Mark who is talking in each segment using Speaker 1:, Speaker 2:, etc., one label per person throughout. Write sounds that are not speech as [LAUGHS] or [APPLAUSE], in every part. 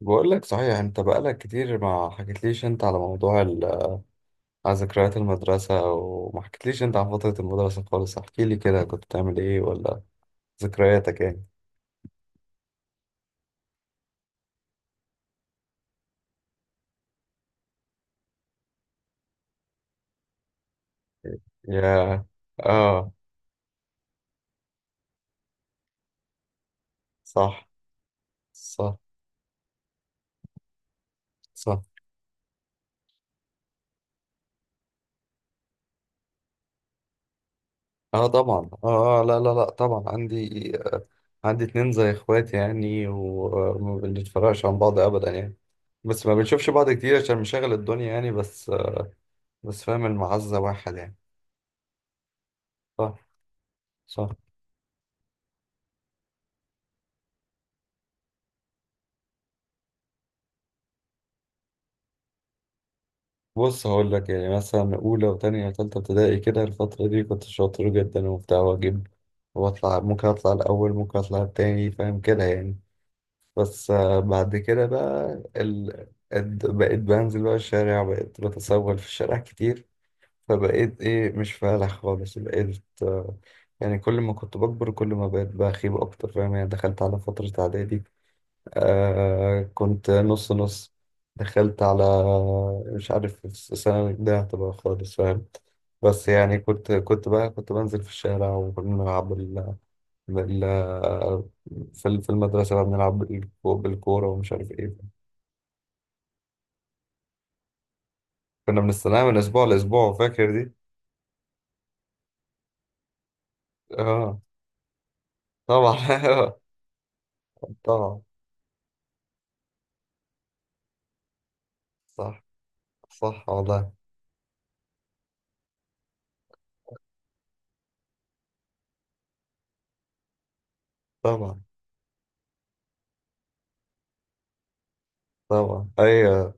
Speaker 1: بقول لك صحيح انت بقالك كتير ما حكيتليش انت على موضوع على ذكريات المدرسة وما حكيتليش انت عن فترة المدرسة خالص. احكي لي كده، كنت بتعمل ايه ولا ذكرياتك يعني يا اه صح، صح، صح. اه طبعا، اه، لا لا لا، طبعا عندي، عندي اتنين زي اخواتي يعني، وما بنتفرقش عن بعض ابدا يعني. بس ما بنشوفش بعض كتير عشان مشاغل الدنيا يعني، بس بس فاهم، المعزة واحد يعني. صح، صح. بص هقول لك، يعني مثلا اولى وتانية وتالتة ابتدائي كده، الفترة دي كنت شاطر جدا وبتاع، واجيب واطلع، ممكن اطلع الاول ممكن اطلع التاني، فاهم كده يعني. بس بعد كده بقى بقيت بنزل بقى الشارع، بقيت بتسول في الشارع كتير. فبقيت ايه، مش فالح خالص، بقيت آه، يعني كل ما كنت بكبر كل ما بقيت بخيب اكتر، فاهم يعني. دخلت على فترة اعدادي، آه كنت نص نص. دخلت على، مش عارف السنة ده هتبقى خالص فاهم. بس يعني كنت بنزل في الشارع، وكنا بنلعب بال... في المدرسة بقى، بنلعب بالكورة ومش عارف ايه. كنا بنستناها من أسبوع لأسبوع، فاكر دي؟ اه طبعا. [LAUGHS] طبعا. صح، صح والله. طبعا. طبعا أيوه.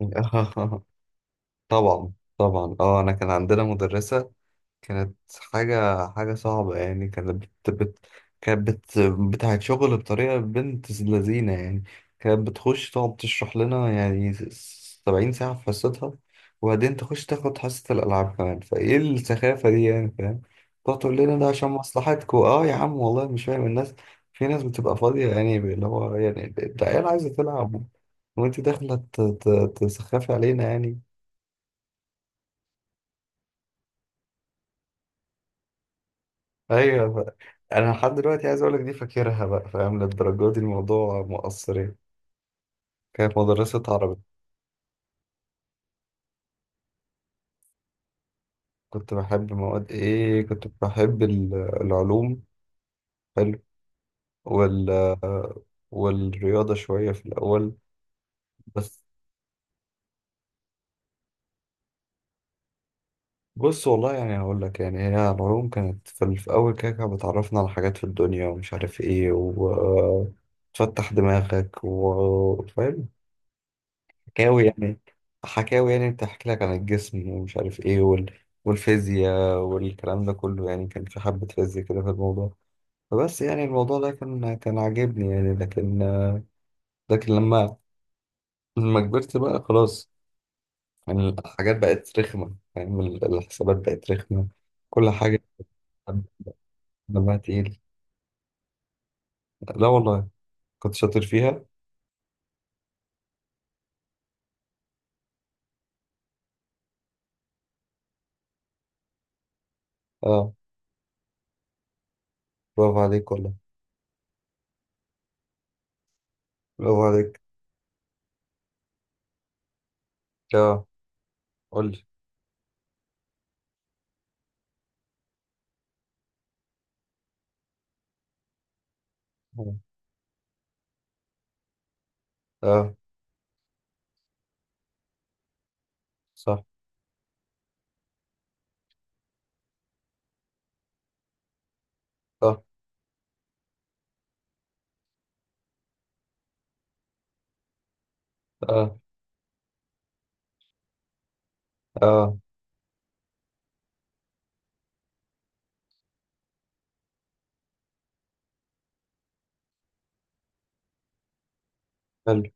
Speaker 1: [LAUGHS] طبعا. طبعا. اه أنا كان عندنا مدرسة، كانت حاجة صعبة يعني. كانت بت بت بت بتاعت شغل بطريقة بنت لذينة يعني. كانت بتخش تقعد تشرح لنا يعني 70 ساعة في حصتها، وبعدين تخش تاخد حصة الألعاب كمان. فإيه السخافة دي يعني فاهم؟ تقعد تقول لنا ده عشان مصلحتكوا. اه يا عم والله مش فاهم الناس، في ناس بتبقى فاضية يعني، اللي هو يعني العيال عايزة تلعب وانت داخلة تسخفي علينا يعني. ايوه بقى. انا لحد دلوقتي عايز اقول لك دي فاكرها بقى، فاهم للدرجه دي الموضوع مؤثر يعني. كانت مدرسه عربي. كنت بحب مواد ايه؟ كنت بحب العلوم. حلو. وال والرياضه شويه في الاول. بس بص والله يعني هقول لك، يعني هي العلوم كانت في في الاول كده، كانت بتعرفنا على حاجات في الدنيا ومش عارف ايه، وتفتح دماغك وفاهم، حكاوي يعني. حكاوي يعني، بتحكي لك عن الجسم ومش عارف ايه والفيزياء والكلام ده كله يعني. كان في حبة فيزياء كده في الموضوع، فبس يعني الموضوع ده كان عاجبني يعني، لكن، لكن لما، لما كبرت بقى خلاص، يعني الحاجات بقت رخمة يعني. الحسابات بقت رخمة، كل حاجة دمها تقيل. لا والله كنت شاطر فيها. اه، برافو عليك والله. برافو عليك. اه قول لي. اه. صح، صح. اه. اه. آه، حلو.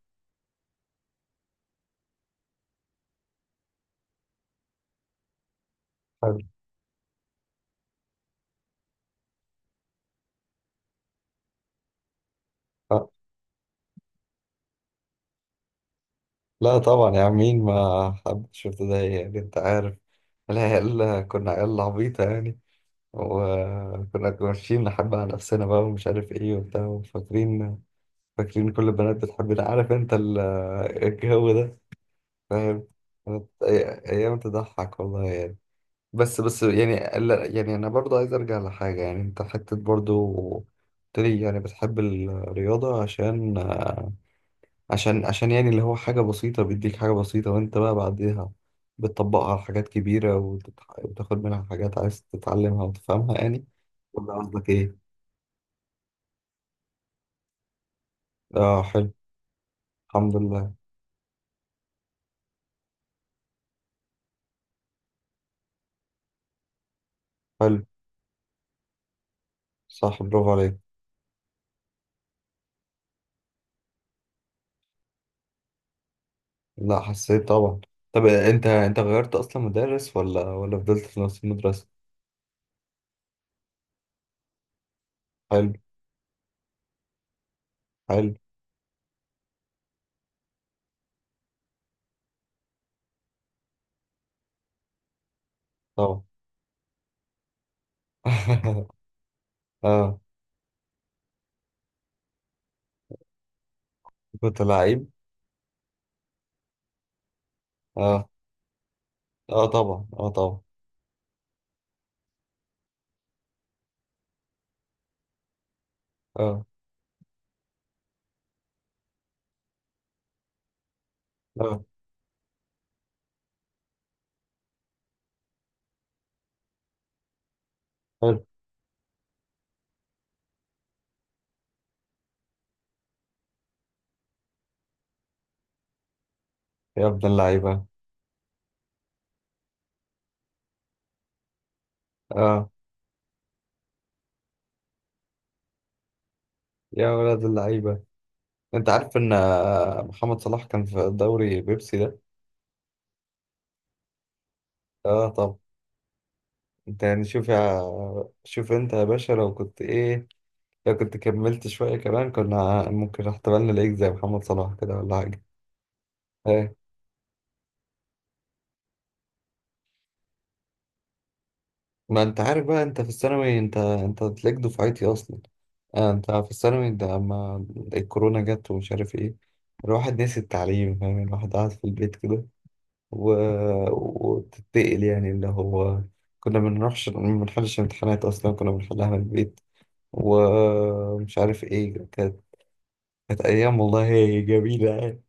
Speaker 1: حلو. آه. لا طبعا يا عم، مين ما حبش ابتدائي يعني؟ انت عارف العيال كنا عيال عبيطة يعني، وكنا ماشيين نحب على نفسنا بقى ومش عارف ايه وبتاع، وفاكرين، فاكرين كل البنات بتحبنا، عارف انت [LAUGHS] الجو ده فاهم. كانت ايام تضحك والله يعني. بس، بس يعني، لا يعني انا برضو عايز ارجع لحاجة يعني. انت حتى برضو قلت لي يعني بتحب الرياضة عشان يعني اللي هو حاجة بسيطة، بيديك حاجة بسيطة وانت بقى بعدها بتطبقها على حاجات كبيرة، وتاخد منها حاجات عايز تتعلمها وتفهمها يعني. ولا قصدك ايه؟ اه حلو. الحمد لله. حلو. صح برافو عليك. لا حسيت طبعا. طب انت، انت غيرت اصلا مدرس ولا ولا فضلت في نفس المدرسة؟ حلو. حلو. طبعا. [LAUGHS] اه كنت لعيب. اه. اه طبعا اه طبعا. اه. اه حلو. يا ابن اللعيبة. اه. يا ولد اللعيبة، انت عارف ان محمد صلاح كان في دوري بيبسي ده؟ اه طب انت يعني شوف يا، شوف انت يا باشا لو كنت ايه، لو كنت كملت شوية كمان كنا ممكن احتمالنا نلاقيك زي محمد صلاح كده ولا حاجة. ايه ما انت عارف بقى، انت في الثانوي، انت تلاقيك دفعتي اصلا. آه انت في الثانوي ده لما الكورونا جت ومش عارف ايه، الواحد نسي التعليم فاهم، الواحد قاعد في البيت كده، و، وتتقل يعني، اللي هو كنا بنروحش، ما بنحلش امتحانات أصلا كنا بنحلها من البيت ومش عارف ايه. كانت، كانت أيام والله جميلة يعني.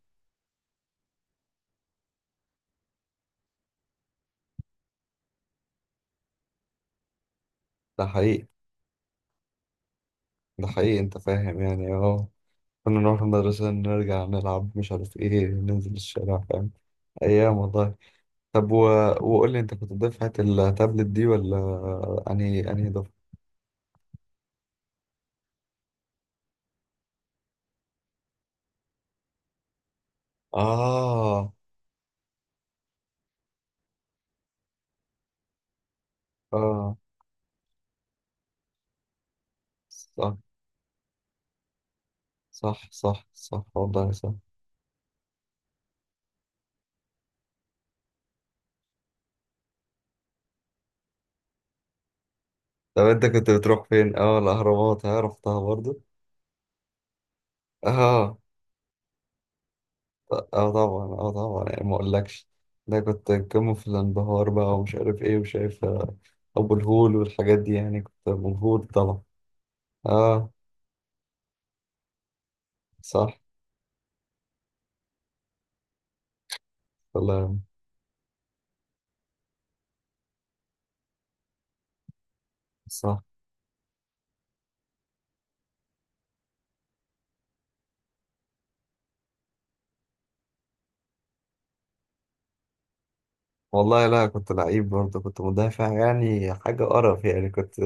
Speaker 1: ده حقيقي. ده حقيقي أنت فاهم يعني، اه كنا نروح المدرسة نرجع نلعب مش عارف ايه، ننزل الشارع فاهم. أيام والله. طب و، وقول لي أنت كنت دفعة التابلت دي ولا أنهي دفعة؟ آه. آه. صح، صح، صح، صح والله صح. طب انت كنت بتروح فين؟ اه الاهرامات، ها رحتها برضو؟ اه، اه طبعا اه طبعا، يعني ما اقولكش ده كنت قمة في الانبهار بقى، ومش عارف ايه وشايف ابو الهول والحاجات دي يعني، كنت مبهور طبعا. اه. صح والله. صح والله. لا كنت لعيب برضه، كنت مدافع يعني حاجة قرف يعني. كنت،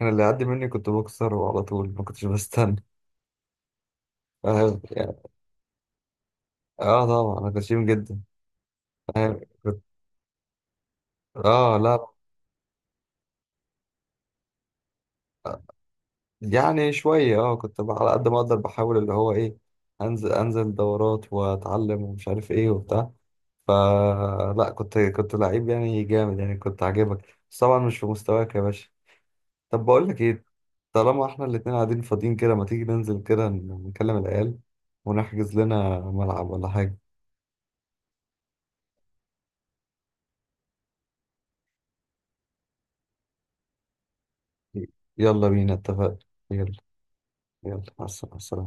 Speaker 1: كان اللي يعدي مني كنت بكسره على طول، ما كنتش بستنى، فاهم يعني. اه طبعا انا كنت شتيم جدا. فاهم كنت، اه لا، يعني شوية. اه كنت بقى على قد ما اقدر بحاول اللي هو ايه، انزل، انزل دورات واتعلم ومش عارف ايه وبتاع. فلا كنت، كنت لعيب يعني جامد يعني، كنت عاجبك بس طبعا مش في مستواك يا باشا. طب بقول لك ايه، طالما احنا الاتنين قاعدين فاضيين كده، ما تيجي ننزل كده نكلم العيال ونحجز لنا ملعب ولا حاجة. يلا بينا اتفقنا. يلا. يلا مع السلامة.